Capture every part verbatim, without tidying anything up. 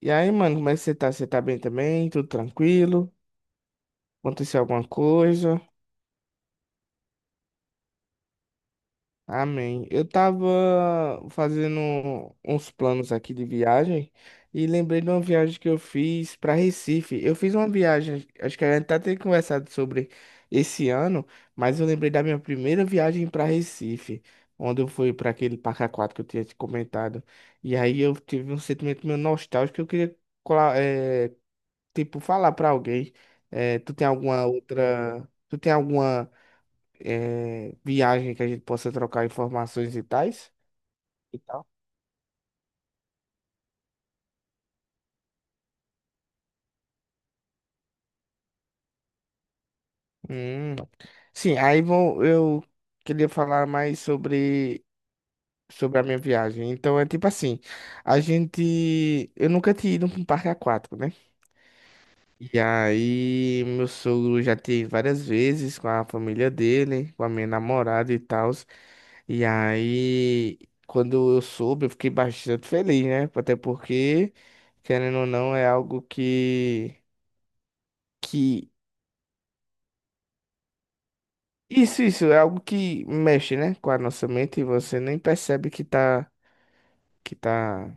E aí, mano, como é que você tá? Você tá bem também? Tudo tranquilo? Aconteceu alguma coisa? Amém. Eu tava fazendo uns planos aqui de viagem e lembrei de uma viagem que eu fiz pra Recife. Eu fiz uma viagem, acho que a gente tá tem conversado sobre esse ano, mas eu lembrei da minha primeira viagem pra Recife, onde eu fui pra aquele Parque Aquático que eu tinha te comentado. E aí eu tive um sentimento meio nostálgico que eu queria. cola- eh, tipo, falar pra alguém. Eh, tu tem alguma outra. Tu tem alguma eh, viagem que a gente possa trocar informações e tais? E tal? Hum. Sim, aí vou. Eu queria falar mais sobre, sobre a minha viagem. Então é tipo assim, a gente. Eu nunca tinha ido para um parque aquático, né? E aí, meu sogro já teve várias vezes com a família dele, com a minha namorada e tal. E aí, quando eu soube, eu fiquei bastante feliz, né? Até porque, querendo ou não, é algo que, que... Isso, isso, é algo que mexe, né? Com a nossa mente e você nem percebe que tá, que tá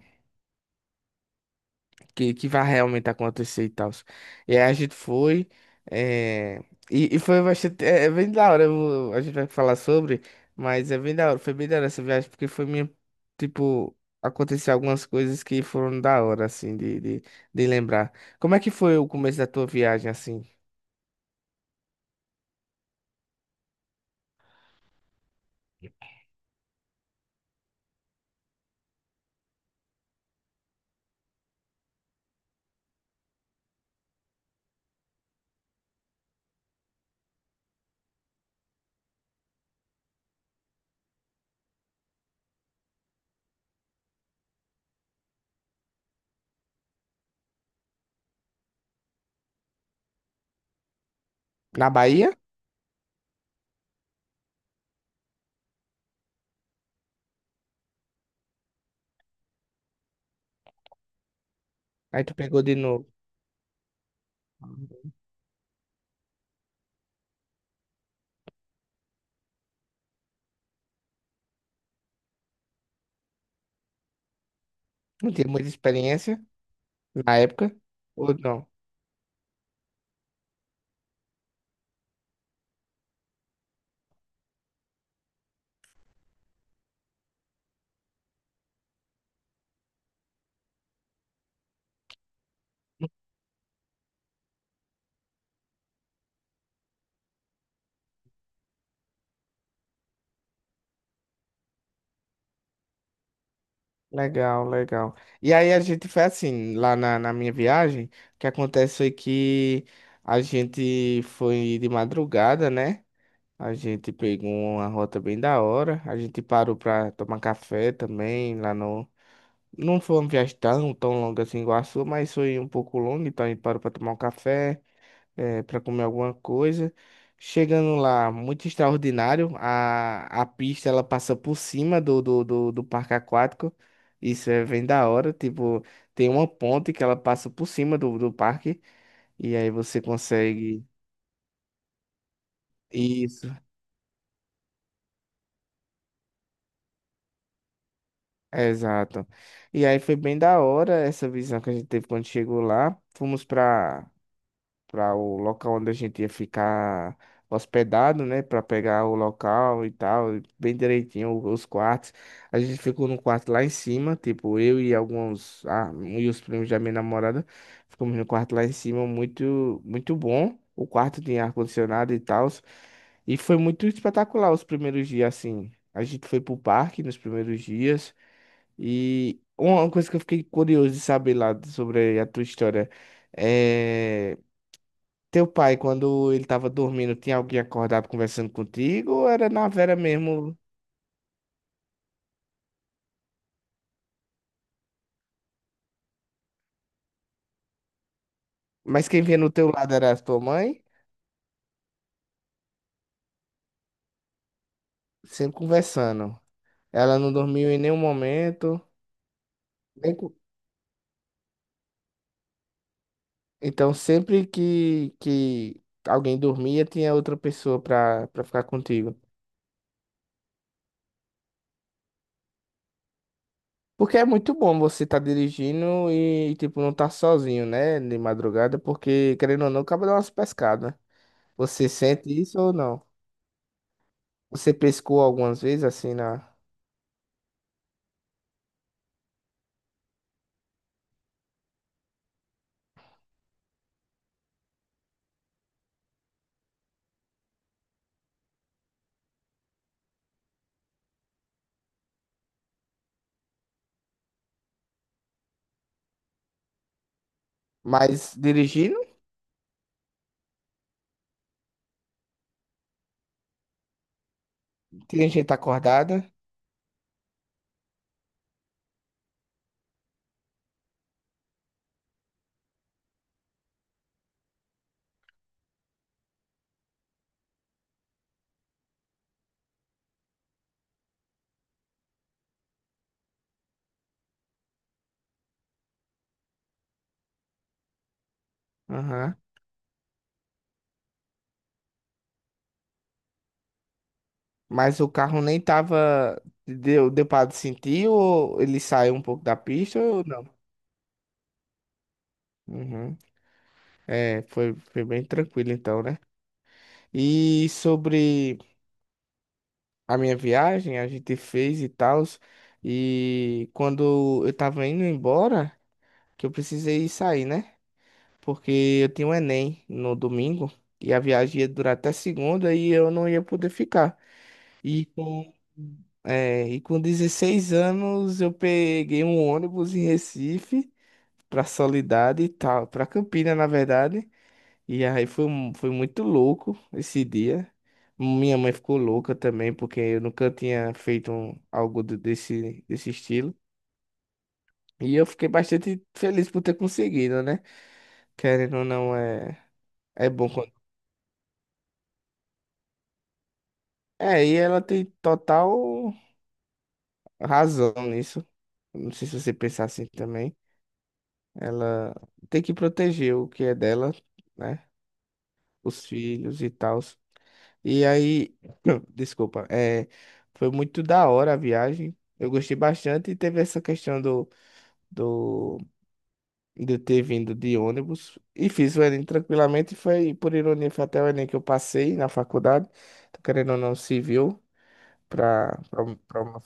que, que vai realmente acontecer e tal. E aí a gente foi. eh, E, e foi bastante. É, é bem da hora. Eu vou- a gente vai falar sobre, mas é bem da hora. Foi bem da hora essa viagem, porque foi minha. Tipo, aconteceu algumas coisas que foram da hora, assim, de, de, de lembrar. Como é que foi o começo da tua viagem, assim? Na Bahia? Aí tu pegou de novo. Não tinha muita experiência na época? Ou não? Legal, legal. E aí a gente foi assim, lá na, na minha viagem, o que acontece foi que a gente foi de madrugada, né? A gente pegou uma rota bem da hora, a gente parou pra tomar café também lá no... Não foi uma viagem tão, tão longa assim igual a sua, mas foi um pouco longa, então a gente parou pra tomar um café é, para comer alguma coisa. Chegando lá, muito extraordinário. A, a pista ela passa por cima do, do, do, do parque aquático. Isso é bem da hora. Tipo, tem uma ponte que ela passa por cima do, do parque. E aí você consegue. Isso, exato. E aí foi bem da hora essa visão que a gente teve quando chegou lá. Fomos para para o local onde a gente ia ficar hospedado, né? Para pegar o local e tal, e bem direitinho o- os quartos. A gente ficou num quarto lá em cima, tipo eu e alguns, ah, e os primos da minha namorada, ficamos no quarto lá em cima, muito, muito bom. O quarto tinha ar-condicionado e tal. E foi muito espetacular os primeiros dias, assim. A gente foi pro parque nos primeiros dias. E uma coisa que eu fiquei curioso de saber lá sobre a tua história. eh, Teu pai, quando ele tava dormindo, tinha alguém acordado conversando contigo? Ou era na Vera mesmo? Mas quem vinha no teu lado era a tua mãe? Sempre conversando. Ela não dormiu em nenhum momento. Nem co- Então, sempre que, que alguém dormia, tinha outra pessoa pra, pra ficar contigo. Porque é muito bom você tá dirigindo e, tipo, não tá sozinho, né? De madrugada, porque, querendo ou não, acaba dando umas pescadas. Você sente isso ou não? Você pescou algumas vezes, assim, na... Mas dirigir. Tinha gente acordada. Aham. Mas o carro nem tava. Deu, deu pra sentir ou ele saiu um pouco da pista ou não? Uhum. É, foi, foi bem tranquilo então, né? E sobre a minha viagem, a gente fez e tal. E quando eu tava indo embora, que eu precisei sair, né? Porque eu tinha um Enem no domingo e a viagem ia durar até segunda e eu não ia poder ficar. E com, é, e com dezesseis anos eu peguei um ônibus em Recife pra Soledade e tal, pra Campina, na verdade. E aí foi, mu- foi muito louco esse dia. Minha mãe ficou louca também, porque eu nunca tinha feito um- algo do- desse, desse estilo. E eu fiquei bastante feliz por ter conseguido, né? Querendo ou não, é, é bom quando. É, e ela tem total razão nisso. Não sei se você pensar assim também. Ela tem que proteger o que é dela, né? Os filhos e tal. E aí, desculpa, é, foi muito da hora a viagem. Eu gostei bastante e teve essa questão do, do, de eu ter vindo de ônibus. E fiz o Enem tranquilamente. Foi, por ironia, foi até o Enem que eu passei na faculdade. Tô querendo ou não, civil. Para pra, pra uma...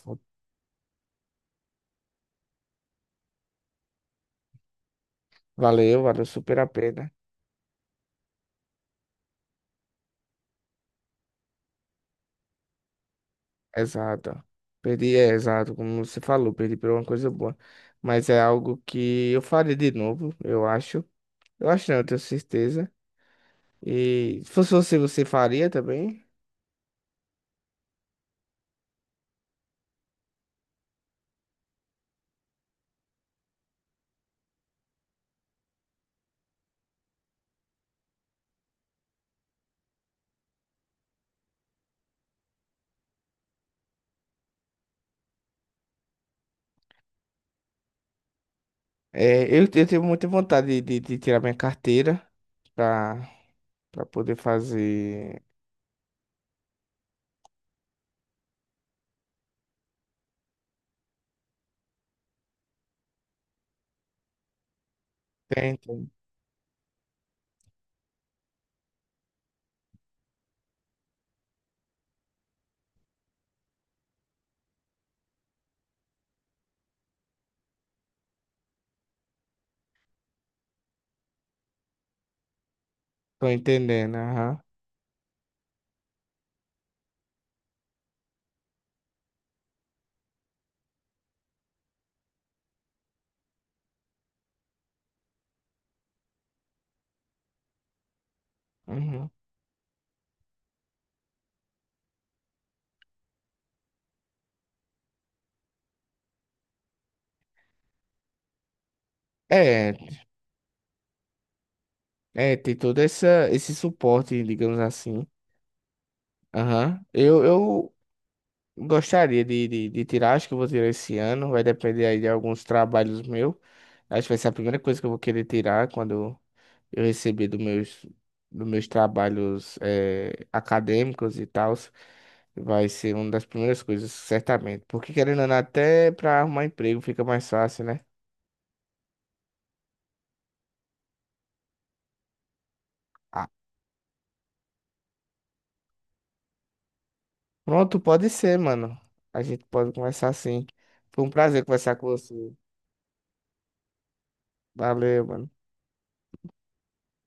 Valeu, valeu super a pena. Exato. Perdi, é exato, como você falou, perdi por uma coisa boa. Mas é algo que eu faria de novo, eu acho. Eu acho, não, eu tenho certeza. E se fosse você, você faria também? É, eu, eu tenho muita vontade de, de de tirar minha carteira pra, pra poder fazer. Tem, tem. Tô entendendo, aham. Uhum. É, é, tem todo essa, esse suporte, digamos assim. Aham. Eu, eu gostaria de, de, de tirar, acho que eu vou tirar esse ano, vai depender aí de alguns trabalhos meus. Acho que vai ser a primeira coisa que eu vou querer tirar quando eu receber dos meus, dos meus trabalhos eh, acadêmicos e tal. Vai ser uma das primeiras coisas, certamente. Porque querendo ou não, até pra arrumar emprego fica mais fácil, né? Ah, pronto, pode ser, mano. A gente pode conversar assim. Foi um prazer conversar com você. Valeu, mano.